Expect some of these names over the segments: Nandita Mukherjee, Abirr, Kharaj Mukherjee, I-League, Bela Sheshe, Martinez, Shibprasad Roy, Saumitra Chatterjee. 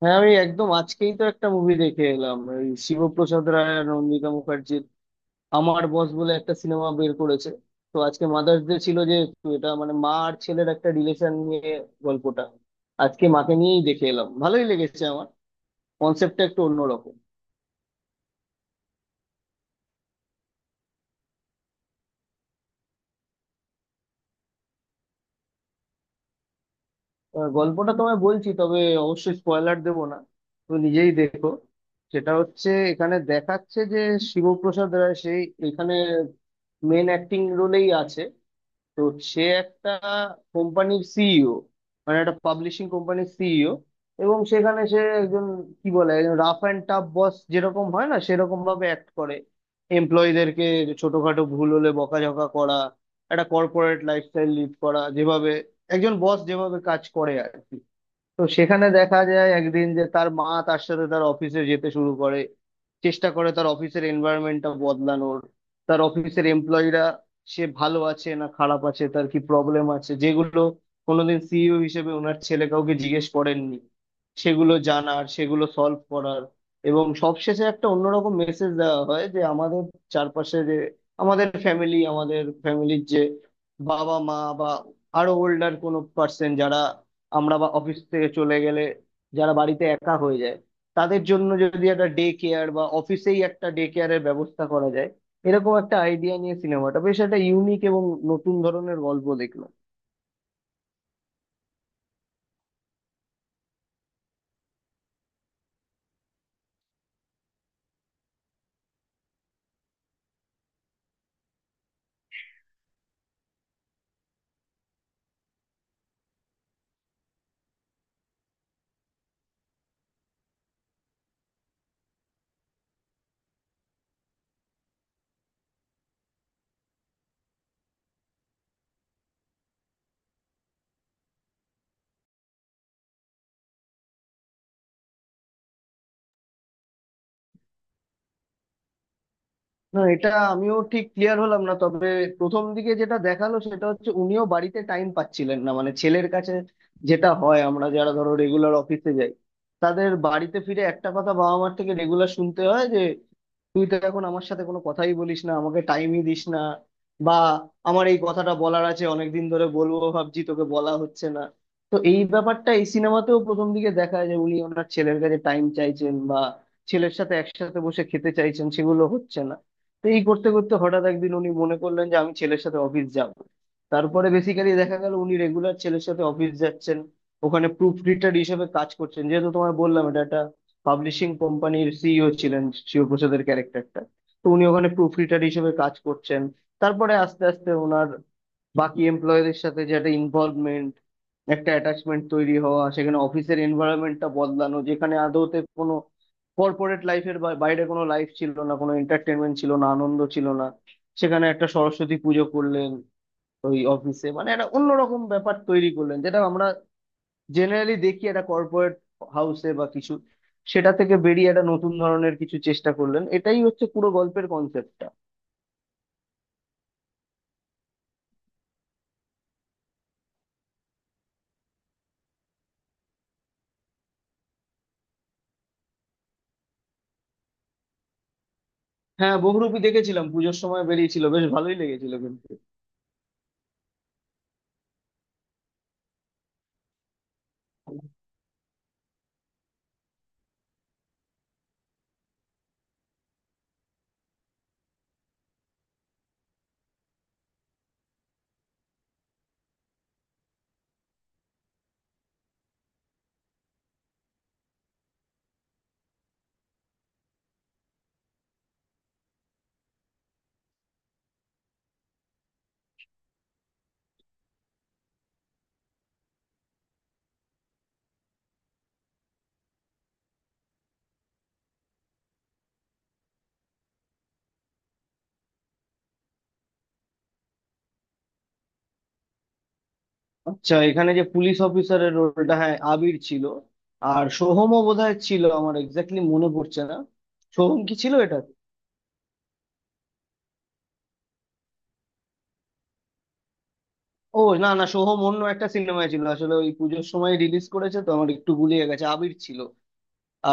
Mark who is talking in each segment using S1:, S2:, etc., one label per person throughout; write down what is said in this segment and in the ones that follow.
S1: হ্যাঁ, আমি একদম আজকেই তো একটা মুভি দেখে এলাম, ওই শিবপ্রসাদ রায় আর নন্দিতা মুখার্জির "আমার বস" বলে একটা সিনেমা বের করেছে। তো আজকে মাদার্স ডে ছিল যেহেতু, এটা মানে মা আর ছেলের একটা রিলেশন নিয়ে গল্পটা। আজকে মাকে নিয়েই দেখে এলাম, ভালোই লেগেছে আমার। কনসেপ্টটা একটু অন্যরকম। গল্পটা তোমায় বলছি, তবে অবশ্যই স্পয়লার দেবো না, তুমি নিজেই দেখো। সেটা হচ্ছে, এখানে দেখাচ্ছে যে শিবপ্রসাদ রায় সেই এখানে মেন অ্যাক্টিং রোলেই আছে। তো সে একটা কোম্পানির সিইও, মানে একটা পাবলিশিং কোম্পানির সিইও। এবং সেখানে সে একজন, কি বলে, একজন রাফ অ্যান্ড টাফ বস যেরকম হয় না, সেরকম ভাবে অ্যাক্ট করে এমপ্লয়ীদেরকে। ছোটখাটো ভুল হলে বকাঝকা করা, একটা কর্পোরেট লাইফস্টাইল লিড করা, যেভাবে একজন বস যেভাবে কাজ করে আর কি। তো সেখানে দেখা যায় একদিন যে তার মা তার সাথে তার অফিসে যেতে শুরু করে। চেষ্টা করে তার অফিসের এনভায়রনমেন্টটা বদলানোর। তার অফিসের এমপ্লয়িরা সে ভালো আছে না খারাপ আছে, তার কি প্রবলেম আছে, যেগুলো কোনোদিন সিইও হিসেবে ওনার ছেলে কাউকে জিজ্ঞেস করেননি, সেগুলো জানার, সেগুলো সলভ করার। এবং সবশেষে একটা অন্যরকম মেসেজ দেওয়া হয় যে আমাদের চারপাশে যে আমাদের ফ্যামিলি, আমাদের ফ্যামিলির যে বাবা মা বা আরো ওল্ডার কোনো পার্সন, যারা আমরা বা অফিস থেকে চলে গেলে যারা বাড়িতে একা হয়ে যায়, তাদের জন্য যদি একটা ডে কেয়ার বা অফিসেই একটা ডে কেয়ারের ব্যবস্থা করা যায়। এরকম একটা আইডিয়া নিয়ে সিনেমাটা, বেশ একটা ইউনিক এবং নতুন ধরনের গল্প দেখলাম। না, এটা আমিও ঠিক ক্লিয়ার হলাম না, তবে প্রথম দিকে যেটা দেখালো সেটা হচ্ছে উনিও বাড়িতে টাইম পাচ্ছিলেন না, মানে ছেলের কাছে। যেটা হয়, আমরা যারা ধরো রেগুলার অফিসে যাই, তাদের বাড়িতে ফিরে একটা কথা বাবা মার থেকে রেগুলার শুনতে হয় যে তুই তো এখন আমার সাথে কোনো কথাই বলিস না, আমাকে টাইমই দিস না, বা আমার এই কথাটা বলার আছে অনেকদিন ধরে, বলবো ভাবছি, তোকে বলা হচ্ছে না। তো এই ব্যাপারটা এই সিনেমাতেও প্রথম দিকে দেখায় যে উনি ওনার ছেলের কাছে টাইম চাইছেন, বা ছেলের সাথে একসাথে বসে খেতে চাইছেন, সেগুলো হচ্ছে না। তো এই করতে করতে হঠাৎ একদিন উনি মনে করলেন যে আমি ছেলের সাথে অফিস যাব। তারপরে বেসিক্যালি দেখা গেল উনি রেগুলার ছেলের সাথে অফিস যাচ্ছেন, ওখানে প্রুফ রিডার হিসেবে কাজ করছেন। যেহেতু তোমায় বললাম, এটা একটা পাবলিশিং কোম্পানির সিইও ছিলেন শিবপ্রসাদের ক্যারেক্টারটা। তো উনি ওখানে প্রুফ রিডার হিসেবে কাজ করছেন, তারপরে আস্তে আস্তে ওনার বাকি এমপ্লয়ীদের সাথে যে একটা ইনভলভমেন্ট, একটা অ্যাটাচমেন্ট তৈরি হওয়া, সেখানে অফিসের এনভায়রনমেন্টটা বদলানো, যেখানে আদৌতে কোনো কর্পোরেট লাইফের বাইরে কোনো লাইফ ছিল না, কোনো এন্টারটেনমেন্ট ছিল না, আনন্দ ছিল না। সেখানে একটা সরস্বতী পুজো করলেন ওই অফিসে, মানে একটা অন্যরকম ব্যাপার তৈরি করলেন, যেটা আমরা জেনারেলি দেখি একটা কর্পোরেট হাউসে বা কিছু, সেটা থেকে বেরিয়ে একটা নতুন ধরনের কিছু চেষ্টা করলেন। এটাই হচ্ছে পুরো গল্পের কনসেপ্টটা। হ্যাঁ, বহুরূপী দেখেছিলাম, পুজোর সময় বেরিয়েছিল, বেশ ভালোই লেগেছিল কিন্তু। আচ্ছা, এখানে যে পুলিশ অফিসারের রোলটা, হ্যাঁ আবির ছিল। আর সোহমও বোধহয় ছিল, আমার এক্স্যাক্টলি মনে পড়ছে না। সোহম কি ছিল এটা? ও না না, সোহম অন্য একটা সিনেমায় ছিল আসলে, ওই পুজোর সময় রিলিজ করেছে তো আমার একটু গুলিয়ে গেছে। আবির ছিল।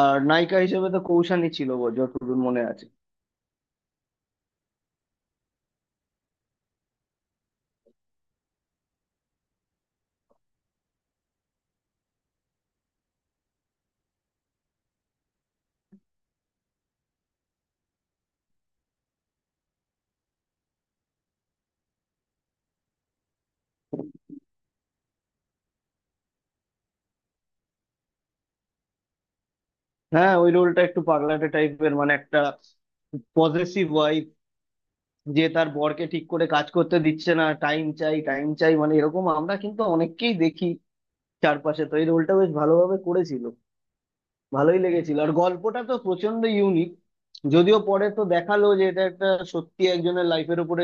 S1: আর নায়িকা হিসেবে তো কৌশানী ছিল যতদূর মনে আছে। হ্যাঁ, ওই রোলটা একটু পাগলাটে টাইপের, মানে একটা পজেসিভ ওয়াইফ, যে তার বরকে ঠিক করে কাজ করতে দিচ্ছে না, টাইম চাই টাইম চাই, মানে এরকম আমরা কিন্তু অনেককেই দেখি চারপাশে। তো এই রোলটা বেশ ভালোভাবে করেছিল, ভালোই লেগেছিল। আর গল্পটা তো প্রচন্ড ইউনিক। যদিও পরে তো দেখালো যে এটা একটা সত্যি একজনের লাইফের উপরে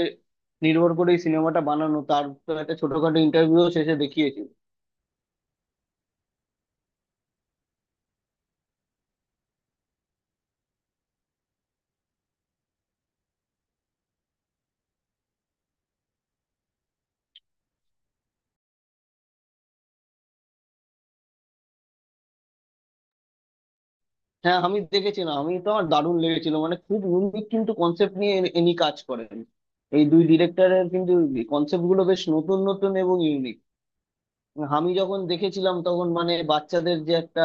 S1: নির্ভর করে এই সিনেমাটা বানানো, তার তো একটা ছোটখাটো ইন্টারভিউ শেষে দেখিয়েছিল। হ্যাঁ, আমি দেখেছিলাম, আমি তো, আমার দারুণ লেগেছিল, মানে খুব ইউনিক কিন্তু কনসেপ্ট নিয়ে ইনি কাজ করেন। এই দুই ডিরেক্টরের কিন্তু কনসেপ্ট গুলো বেশ নতুন নতুন এবং ইউনিক। আমি যখন দেখেছিলাম তখন, মানে বাচ্চাদের যে একটা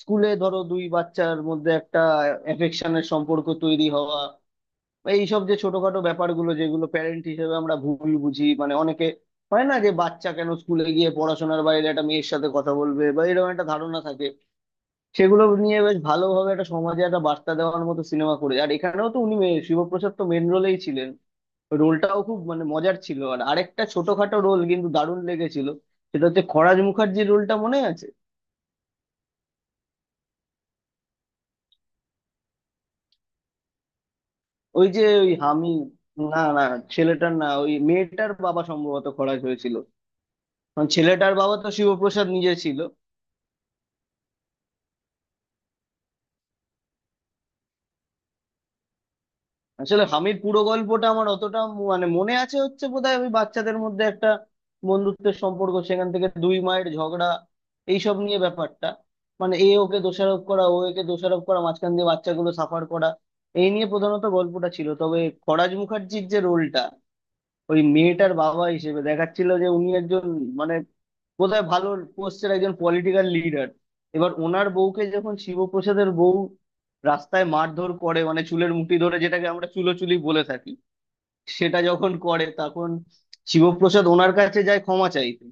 S1: স্কুলে ধরো দুই বাচ্চার মধ্যে একটা অ্যাফেকশনের সম্পর্ক তৈরি হওয়া, এইসব যে ছোটখাটো ব্যাপারগুলো যেগুলো প্যারেন্ট হিসেবে আমরা ভুল বুঝি, মানে অনেকে হয় না যে বাচ্চা কেন স্কুলে গিয়ে পড়াশোনার বাইরে একটা মেয়ের সাথে কথা বলবে, বা এরকম একটা ধারণা থাকে, সেগুলো নিয়ে বেশ ভালোভাবে একটা সমাজে একটা বার্তা দেওয়ার মতো সিনেমা করে। আর এখানেও তো উনি শিবপ্রসাদ তো মেন রোলেই ছিলেন, রোলটাও খুব মানে মজার ছিল। আর আরেকটা ছোটখাটো রোল কিন্তু দারুণ লেগেছিল, সেটা হচ্ছে খরাজ মুখার্জির রোলটা মনে আছে ওই যে, ওই হামি। না না, ছেলেটার না, ওই মেয়েটার বাবা সম্ভবত খরাজ হয়েছিল, কারণ ছেলেটার বাবা তো শিবপ্রসাদ নিজে ছিল। আসলে হামির পুরো গল্পটা আমার অতটা মানে মনে আছে হচ্ছে বোধহয় ওই বাচ্চাদের মধ্যে একটা বন্ধুত্বের সম্পর্ক, সেখান থেকে দুই মায়ের ঝগড়া, এইসব নিয়ে ব্যাপারটা, মানে এ ওকে দোষারোপ করা, ও একে দোষারোপ করা, মাঝখান দিয়ে বাচ্চাগুলো সাফার করা, এই নিয়ে প্রধানত গল্পটা ছিল। তবে খরাজ মুখার্জির যে রোলটা, ওই মেয়েটার বাবা হিসেবে দেখাচ্ছিল যে উনি একজন, মানে বোধহয় ভালো পোস্টের একজন পলিটিক্যাল লিডার। এবার ওনার বউকে যখন শিবপ্রসাদের বউ রাস্তায় মারধর করে, মানে চুলের মুঠি ধরে যেটাকে আমরা চুলোচুলি বলে থাকি, সেটা যখন করে, তখন শিবপ্রসাদ ওনার কাছে যায় ক্ষমা চাইতে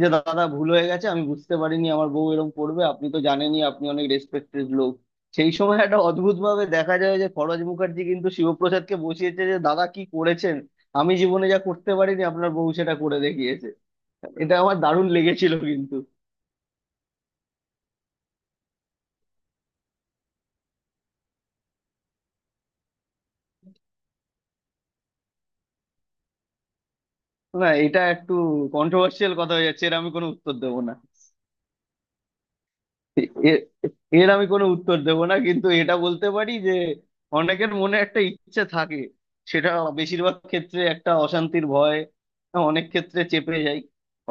S1: যে দাদা ভুল হয়ে গেছে, আমি বুঝতে পারিনি আমার বউ এরকম করবে, আপনি তো জানেনই আপনি অনেক রেসপেক্টেড লোক। সেই সময় একটা অদ্ভুত ভাবে দেখা যায় যে খরচ মুখার্জি কিন্তু শিবপ্রসাদকে বসিয়েছে যে দাদা কি করেছেন, আমি জীবনে যা করতে পারিনি আপনার বউ সেটা করে দেখিয়েছে। এটা আমার দারুণ লেগেছিল কিন্তু। না, এটা একটু কন্ট্রোভার্সিয়াল কথা হয়ে যাচ্ছে, এর আমি কোনো উত্তর দেবো না। এ- এর আমি কোনো উত্তর দেব না, কিন্তু এটা বলতে পারি যে অনেকের মনে একটা ইচ্ছে থাকে, সেটা বেশিরভাগ ক্ষেত্রে একটা অশান্তির ভয় অনেক ক্ষেত্রে চেপে যায়।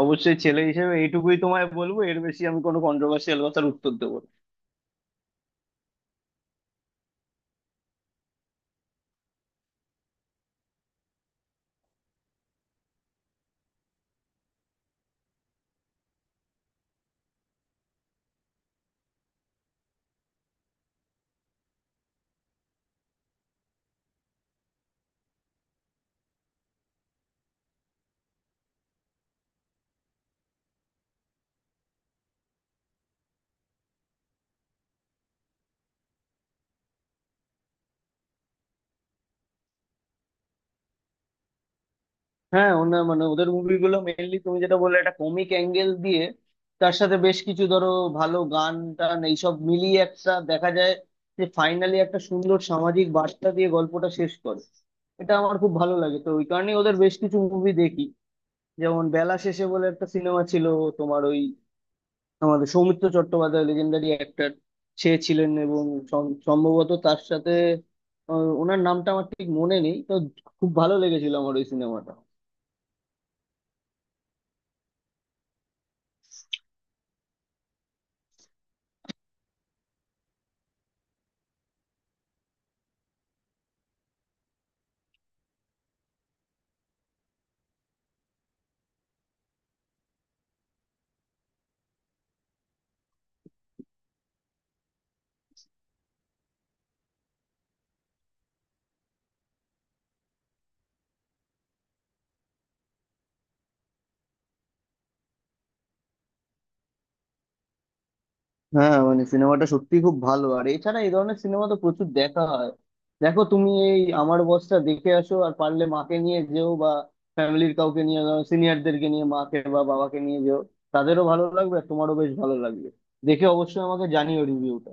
S1: অবশ্যই ছেলে হিসেবে এইটুকুই তোমায় বলবো, এর বেশি আমি কোনো কন্ট্রোভার্সিয়াল কথার উত্তর দেবো না। হ্যাঁ, মানে ওদের মুভিগুলো মেইনলি তুমি যেটা বললে, একটা কমিক অ্যাঙ্গেল দিয়ে, তার সাথে বেশ কিছু ধরো ভালো গান টান, এইসব মিলিয়ে একটা দেখা যায় যে ফাইনালি একটা সুন্দর সামাজিক বার্তা দিয়ে গল্পটা শেষ করে। এটা আমার খুব ভালো লাগে, তো ওই কারণেই ওদের বেশ কিছু মুভি দেখি। যেমন বেলা শেষে বলে একটা সিনেমা ছিল তোমার, ওই আমাদের সৌমিত্র চট্টোপাধ্যায়, লেজেন্ডারি অ্যাক্টর সে ছিলেন, এবং সম্ভবত তার সাথে ওনার নামটা আমার ঠিক মনে নেই তো। খুব ভালো লেগেছিল আমার ওই সিনেমাটা। হ্যাঁ, মানে সিনেমাটা সত্যি খুব ভালো, আর এছাড়া এই ধরনের সিনেমা তো প্রচুর দেখা হয়। দেখো, তুমি এই আমার বসটা দেখে আসো, আর পারলে মাকে নিয়ে যেও, বা ফ্যামিলির কাউকে নিয়ে, সিনিয়রদেরকে নিয়ে, মাকে বা বাবাকে নিয়ে যেও। তাদেরও ভালো লাগবে, আর তোমারও বেশ ভালো লাগবে। দেখে অবশ্যই আমাকে জানিও রিভিউটা।